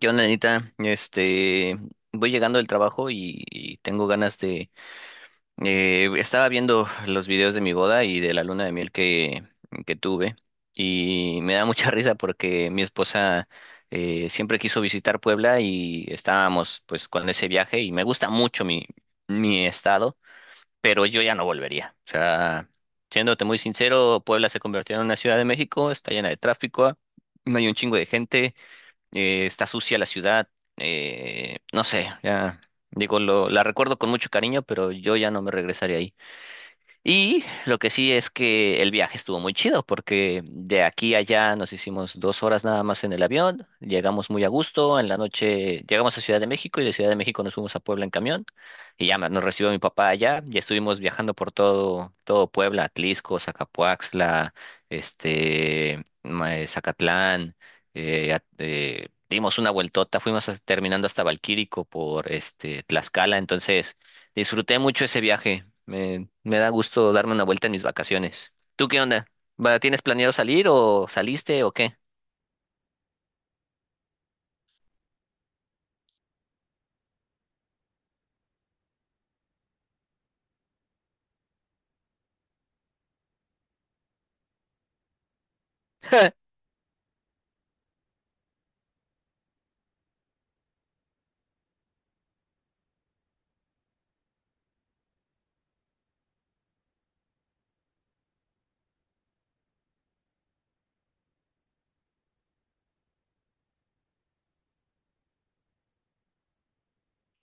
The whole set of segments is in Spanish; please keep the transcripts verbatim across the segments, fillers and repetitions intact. ¿Qué onda, Anita? Este, voy llegando del trabajo y, y tengo ganas de... eh, estaba viendo los videos de mi boda y de la luna de miel que, que tuve y me da mucha risa porque mi esposa eh, siempre quiso visitar Puebla y estábamos pues con ese viaje y me gusta mucho mi, mi estado, pero yo ya no volvería. O sea, siéndote muy sincero, Puebla se convirtió en una ciudad de México, está llena de tráfico, no hay un chingo de gente. Eh, está sucia la ciudad. Eh, no sé, ya digo, lo, la recuerdo con mucho cariño, pero yo ya no me regresaría. Y lo que sí es que el viaje estuvo muy chido porque de aquí a allá nos hicimos dos horas nada más en el avión. Llegamos muy a gusto, en la noche llegamos a Ciudad de México y de Ciudad de México nos fuimos a Puebla en camión. Y ya me- nos recibió mi papá allá y estuvimos viajando por todo, todo Puebla, Atlisco, Zacapuaxtla, este, ma- eh, Zacatlán, eh, a- eh, dimos una vueltota, fuimos hasta- terminando hasta Valquírico por este, Tlaxcala, entonces... Disfruté mucho ese viaje. Me, me da gusto darme una vuelta en mis vacaciones. ¿Tú qué onda? Va, ¿tienes planeado salir o saliste o qué?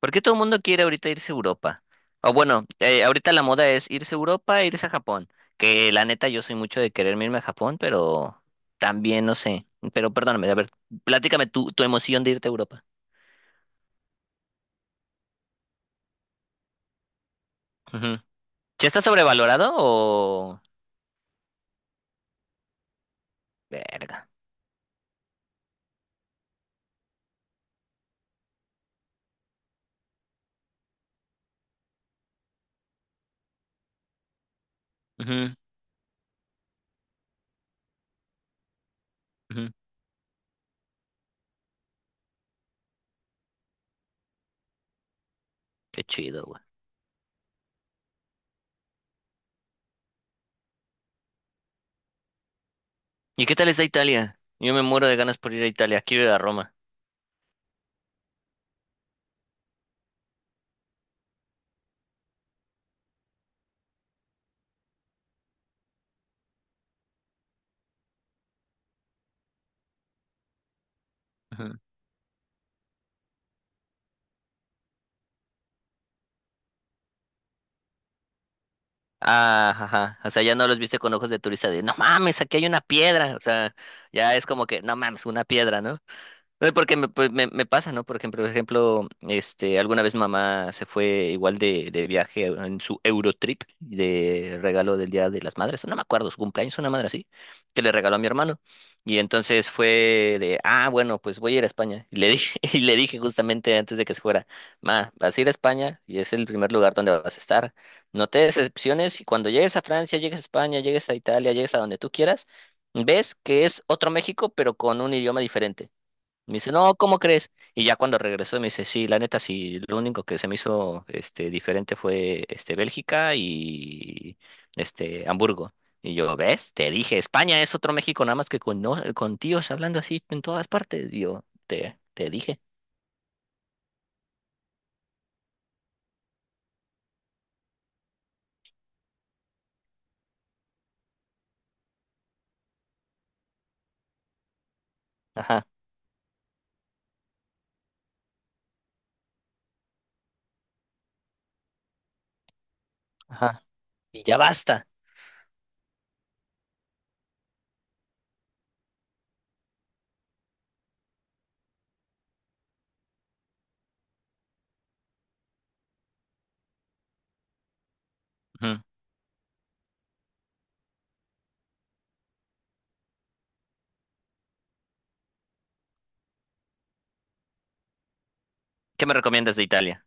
¿Por qué todo el mundo quiere ahorita irse a Europa? O bueno, eh, ahorita la moda es irse a Europa e irse a Japón. Que la neta yo soy mucho de quererme irme a Japón, pero también no sé. Pero perdóname, a ver, platícame tu, tu emoción de irte a Europa. Ujú. ¿Ya está sobrevalorado o...? Verga. Ujú, ujú. Qué chido, güey. ¿Y qué tal está Italia? Yo me muero de ganas por ir a Italia, quiero ir a Roma. Ujú. Ah, ajá. O sea, ya no los viste con ojos de turista de, no mames, aquí hay una piedra. O sea, ya es como que, no mames, una piedra, ¿no? No, porque me, pues, me, me pasa, ¿no? Por ejemplo, por ejemplo, este, alguna vez mamá se fue igual de, de viaje en su Eurotrip de regalo del Día de las Madres, no me acuerdo, su cumpleaños, una madre así, que le regaló a mi hermano. Y entonces fue de, ah, bueno, pues voy a ir a España. Y le dije, y le dije justamente antes de que se fuera, ma, vas a ir a España y es el primer lugar donde vas a estar. No te decepciones y cuando llegues a Francia, llegues a España, llegues a Italia, llegues a donde tú quieras, ves que es otro México, pero con un idioma diferente. Me dice, no, ¿cómo crees? Y ya cuando regresó me dice, sí, la neta, sí, lo único que se me hizo este, diferente fue este, Bélgica y este, Hamburgo. Y yo, ¿ves? Te dije, España es otro México, nada más que con, no- con tíos hablando así en todas partes. Y yo, te, te dije, ajá, ajá, y ya basta. Ujú. ¿Qué me recomiendas de Italia?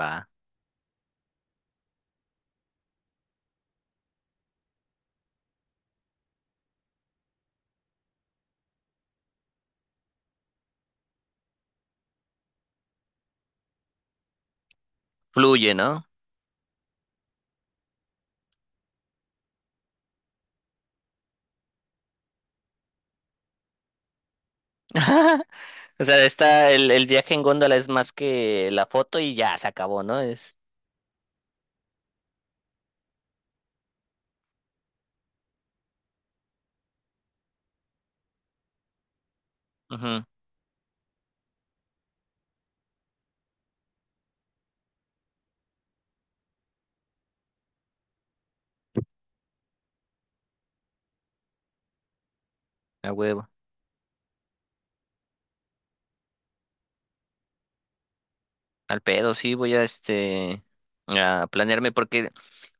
Va, fluye, ¿no? O sea, está, el, el viaje en góndola es más que la foto y ya se acabó, ¿no? Es, ujú, a huevo. Al pedo, sí, voy a este a planearme porque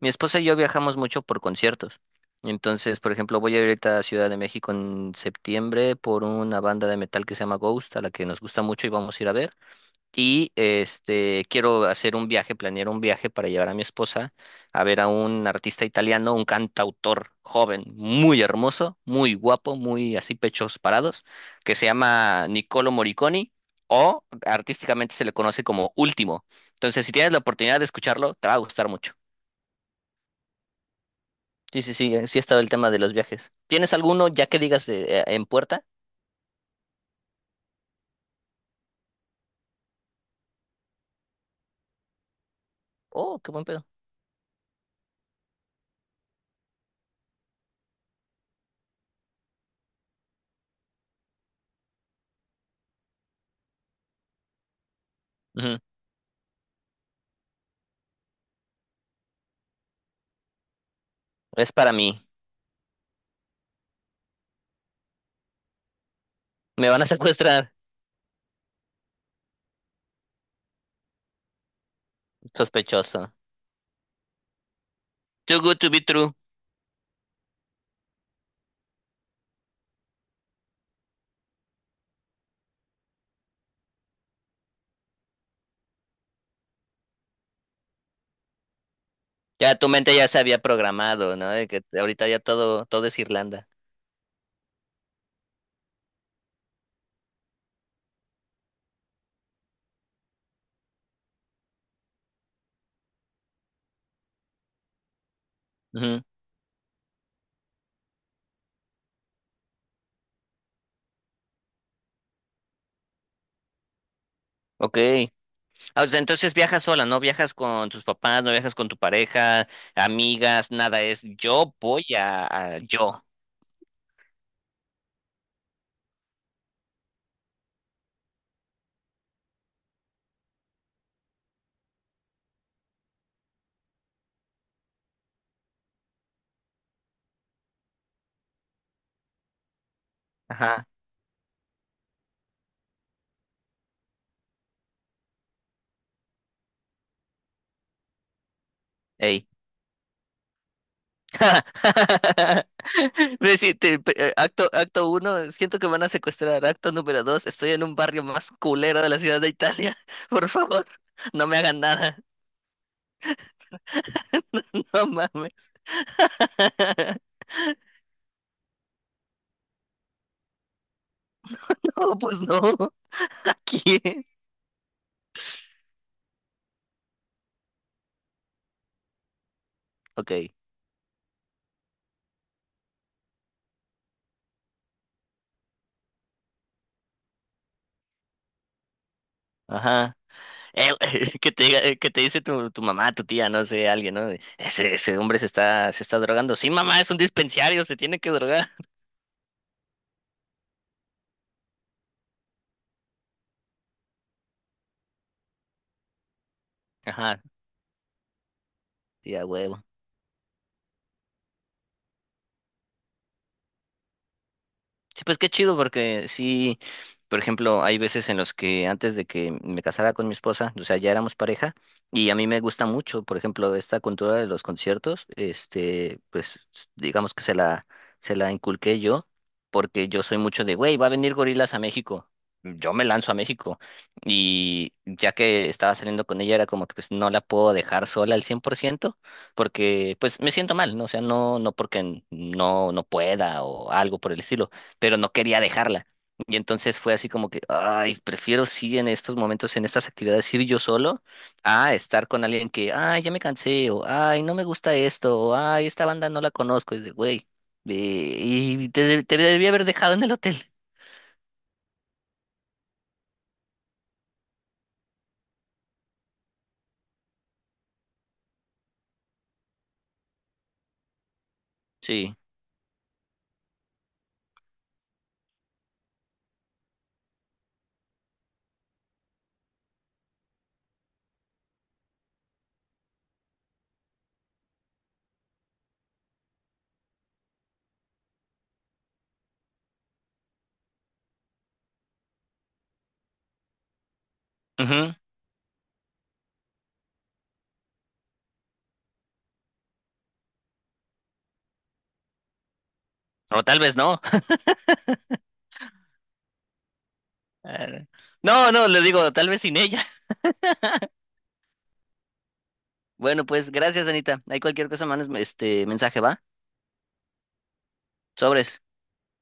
mi esposa y yo viajamos mucho por conciertos. Entonces, por ejemplo, voy a ir ahorita a Ciudad de México en septiembre por una banda de metal que se llama Ghost, a la que nos gusta mucho y vamos a ir a ver. Y este, quiero hacer un viaje, planear un viaje para llevar a mi esposa a ver a un artista italiano, un cantautor joven, muy hermoso, muy guapo, muy así pechos parados, que se llama Niccolo Morricone o artísticamente se le conoce como Último. Entonces, si tienes la oportunidad de escucharlo, te va a gustar mucho. Sí, sí, sí, eh, sí ha estado el tema de los viajes. ¿Tienes alguno ya que digas de, eh, en puerta? Oh, qué buen pedo. Ujú. Es para mí. Me van a secuestrar. Sospechoso. Too good to be true. Ya tu mente ya se había programado, ¿no? De que ahorita ya todo, todo es Irlanda. Ujú, ok. Ah, o sea, entonces viajas sola, ¿no? Viajas con tus papás, no viajas con tu pareja, amigas, nada. Es yo voy a, a- yo. Ajá. Ey. Ve, sí, te- pe- eh, acto, acto uno, siento que me van a secuestrar. Acto número dos, estoy en un barrio más culero de la ciudad de Italia. Por favor, no me hagan nada. No mames. No, pues no. ¿Qué? Ok, ajá. Eh, que te diga, eh, que te dice tu, tu mamá, tu tía, no sé, alguien, ¿no? De, Ese, ese hombre se está, se está drogando. Sí, mamá, es un dispensario, se tiene que drogar. Ajá, tía, huevo. Sí, pues qué chido, porque sí, por ejemplo, hay veces en los que antes de que me casara con mi esposa, o sea, ya éramos pareja, y a mí me gusta mucho, por ejemplo, esta cultura de los conciertos, este, pues s- digamos que se la, se la inculqué yo, porque yo soy mucho de, güey, va a venir Gorilas a México. Yo me lanzo a México y ya que estaba saliendo con ella era como que pues no la puedo dejar sola al cien por ciento, porque pues me siento mal, ¿no? O sea, no, no porque n- no, no pueda o algo por el estilo, pero no quería dejarla. Y entonces fue así como que, ay, prefiero sí en estos momentos, en estas actividades, ir yo solo a estar con alguien que, ay, ya me cansé, o ay, no me gusta esto, o ay, esta banda no la conozco, es de, güey, eh, y te, de- te debí haber dejado en el hotel. Sí. Ujú. O tal vez no. Ah, no, no, le digo, tal vez sin ella. Bueno, pues gracias, Anita. Hay cualquier cosa, manos, este mensaje, ¿va? Sobres.